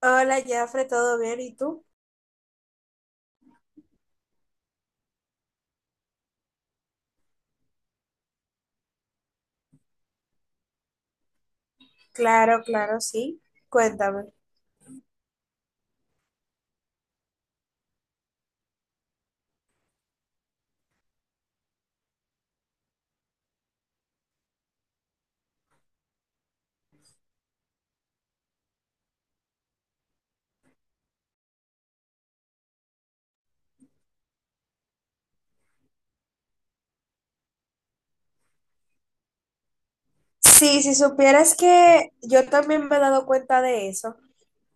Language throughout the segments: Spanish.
Hola, Jafre, ¿todo bien? ¿Y tú? Claro, claro, sí. Cuéntame. Sí, si supieras que yo también me he dado cuenta de eso,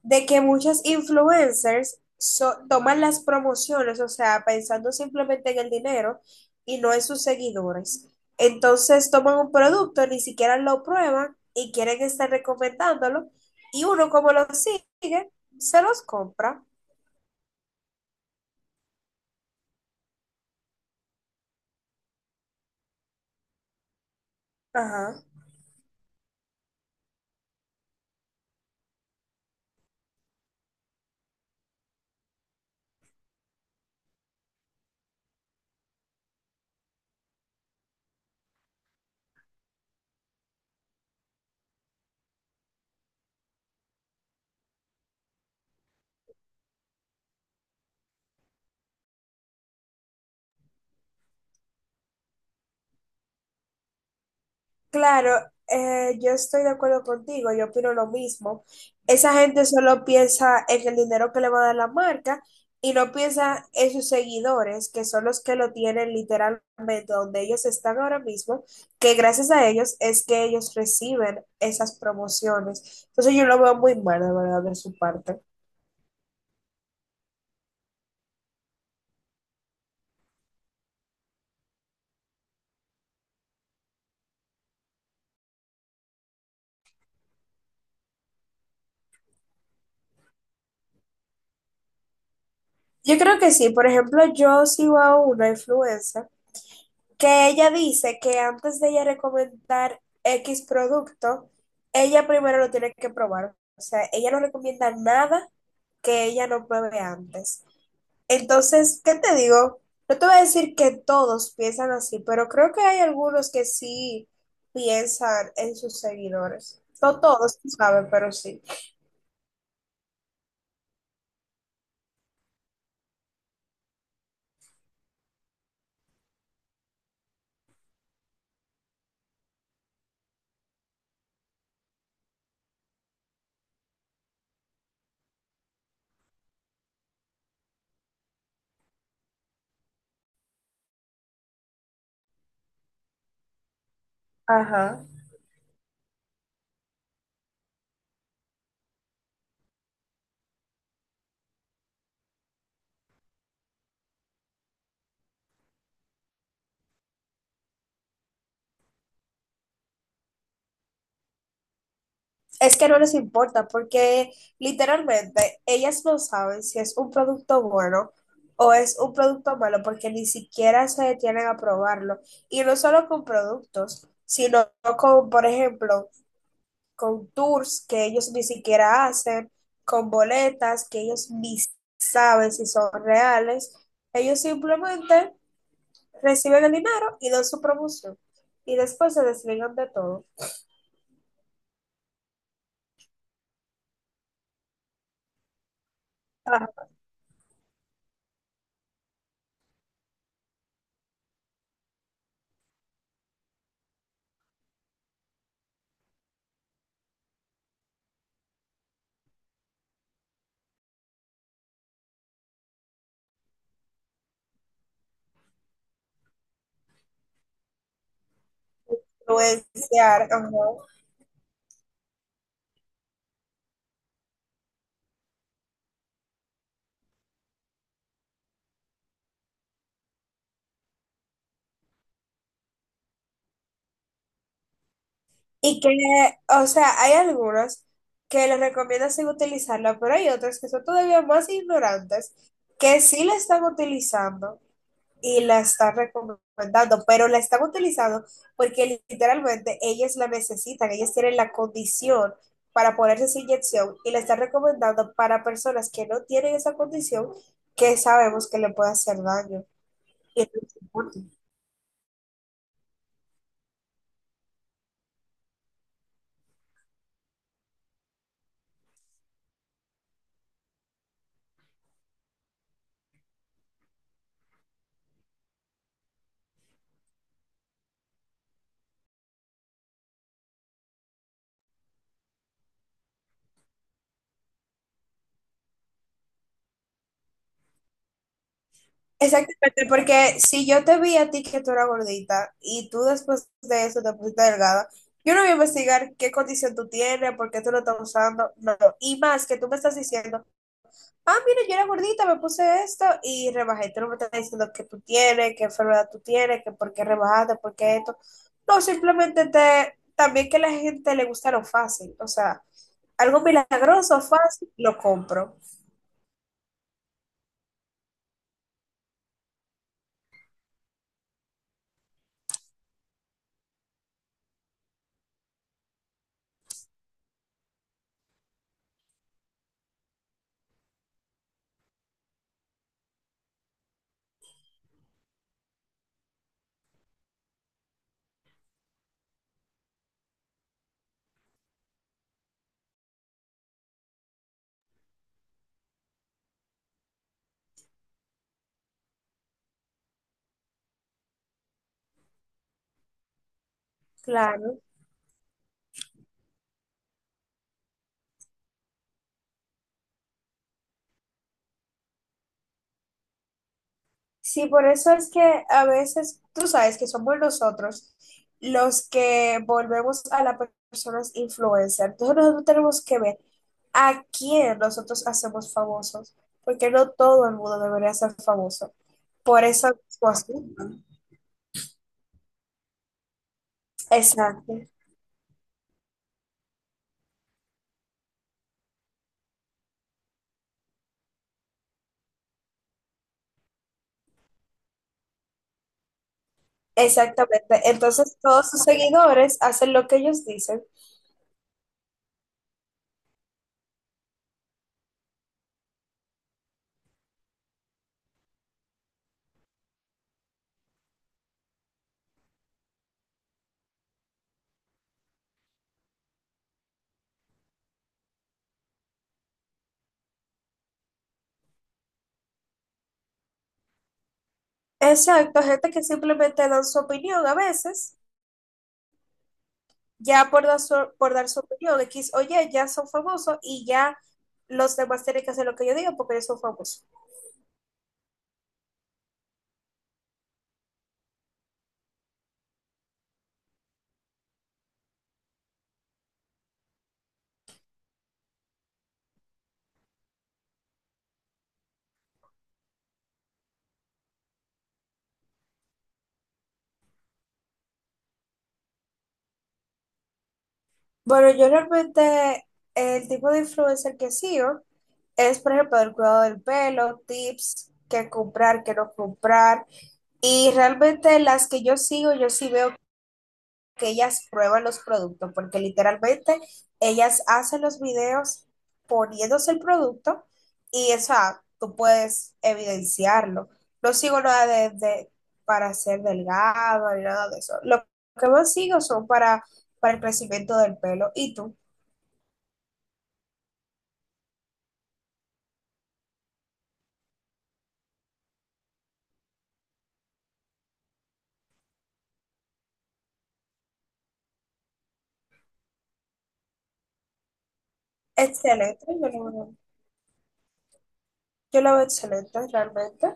de que muchas influencers toman las promociones, o sea, pensando simplemente en el dinero y no en sus seguidores. Entonces toman un producto, ni siquiera lo prueban y quieren estar recomendándolo y uno como lo sigue, se los compra. Ajá. Claro, yo estoy de acuerdo contigo, yo opino lo mismo. Esa gente solo piensa en el dinero que le va a dar la marca y no piensa en sus seguidores, que son los que lo tienen literalmente donde ellos están ahora mismo, que gracias a ellos es que ellos reciben esas promociones. Entonces yo lo veo muy mal, de verdad, de su parte. Yo creo que sí, por ejemplo, yo sigo a una influencer que ella dice que antes de ella recomendar X producto, ella primero lo tiene que probar. O sea, ella no recomienda nada que ella no pruebe antes. Entonces, ¿qué te digo? No te voy a decir que todos piensan así, pero creo que hay algunos que sí piensan en sus seguidores. No todos, tú sabes, pero sí. Ajá. Es que no les importa porque literalmente ellas no saben si es un producto bueno o es un producto malo porque ni siquiera se detienen a probarlo. Y no solo con productos, sino con, por ejemplo, con tours que ellos ni siquiera hacen, con boletas que ellos ni saben si son reales. Ellos simplemente reciben el dinero y dan su promoción. Y después se desligan de todo. Para influenciar, ajá. Y que, o sea, hay algunos que les recomienda sin utilizarla, pero hay otros que son todavía más ignorantes que sí la están utilizando y la están recomendando, pero la están utilizando porque literalmente ellas la necesitan, ellas tienen la condición para ponerse esa inyección y la están recomendando para personas que no tienen esa condición que sabemos que le puede hacer daño. Y no importa. Exactamente, porque si yo te vi a ti que tú eras gordita y tú después de eso te pusiste delgada, yo no voy a investigar qué condición tú tienes, por qué tú lo estás usando, no. Y más que tú me estás diciendo, ah, mira, yo era gordita, me puse esto y rebajé. Tú no me estás diciendo qué tú tienes, qué enfermedad tú tienes, que por qué rebajaste, por qué esto. No, simplemente te, también que a la gente le gusta lo fácil, o sea, algo milagroso, fácil, lo compro. Claro. Sí, por eso es que a veces tú sabes que somos nosotros los que volvemos a las personas influencer. Entonces nosotros tenemos que ver a quién nosotros hacemos famosos, porque no todo el mundo debería ser famoso. Por eso mismo así. Exacto, exactamente. Entonces todos sus seguidores hacen lo que ellos dicen. Exacto, gente que simplemente dan su opinión a veces. Ya por dar su opinión, X o Y, ya son famosos y ya los demás tienen que hacer lo que yo digo porque ellos son famosos. Bueno, yo realmente el tipo de influencer que sigo es, por ejemplo, el cuidado del pelo, tips, qué comprar, qué no comprar. Y realmente las que yo sigo, yo sí veo que ellas prueban los productos, porque literalmente ellas hacen los videos poniéndose el producto y eso tú puedes evidenciarlo. No sigo nada para ser delgado ni nada de eso. Lo que yo sigo son para el crecimiento del pelo. ¿Y tú? Excelente, yo lo veo excelente realmente.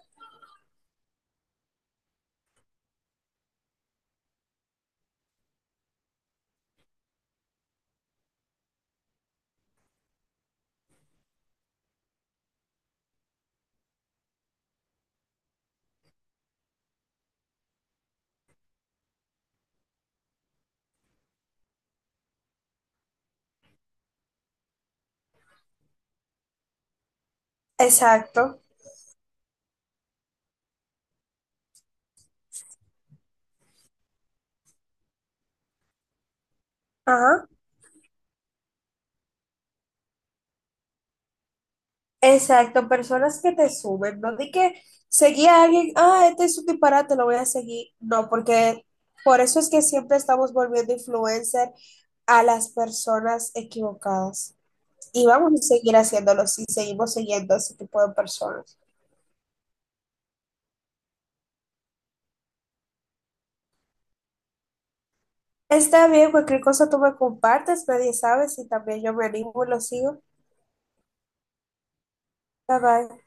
Exacto. Ajá. Exacto, personas que te suben, no di que seguí a alguien, ah, este es un disparate, lo voy a seguir. No, porque por eso es que siempre estamos volviendo influencer a las personas equivocadas. Y vamos a seguir haciéndolo si seguimos siguiendo a ese tipo de personas. Está bien, cualquier cosa tú me compartes, nadie sabe si también yo me animo y lo sigo. Bye bye.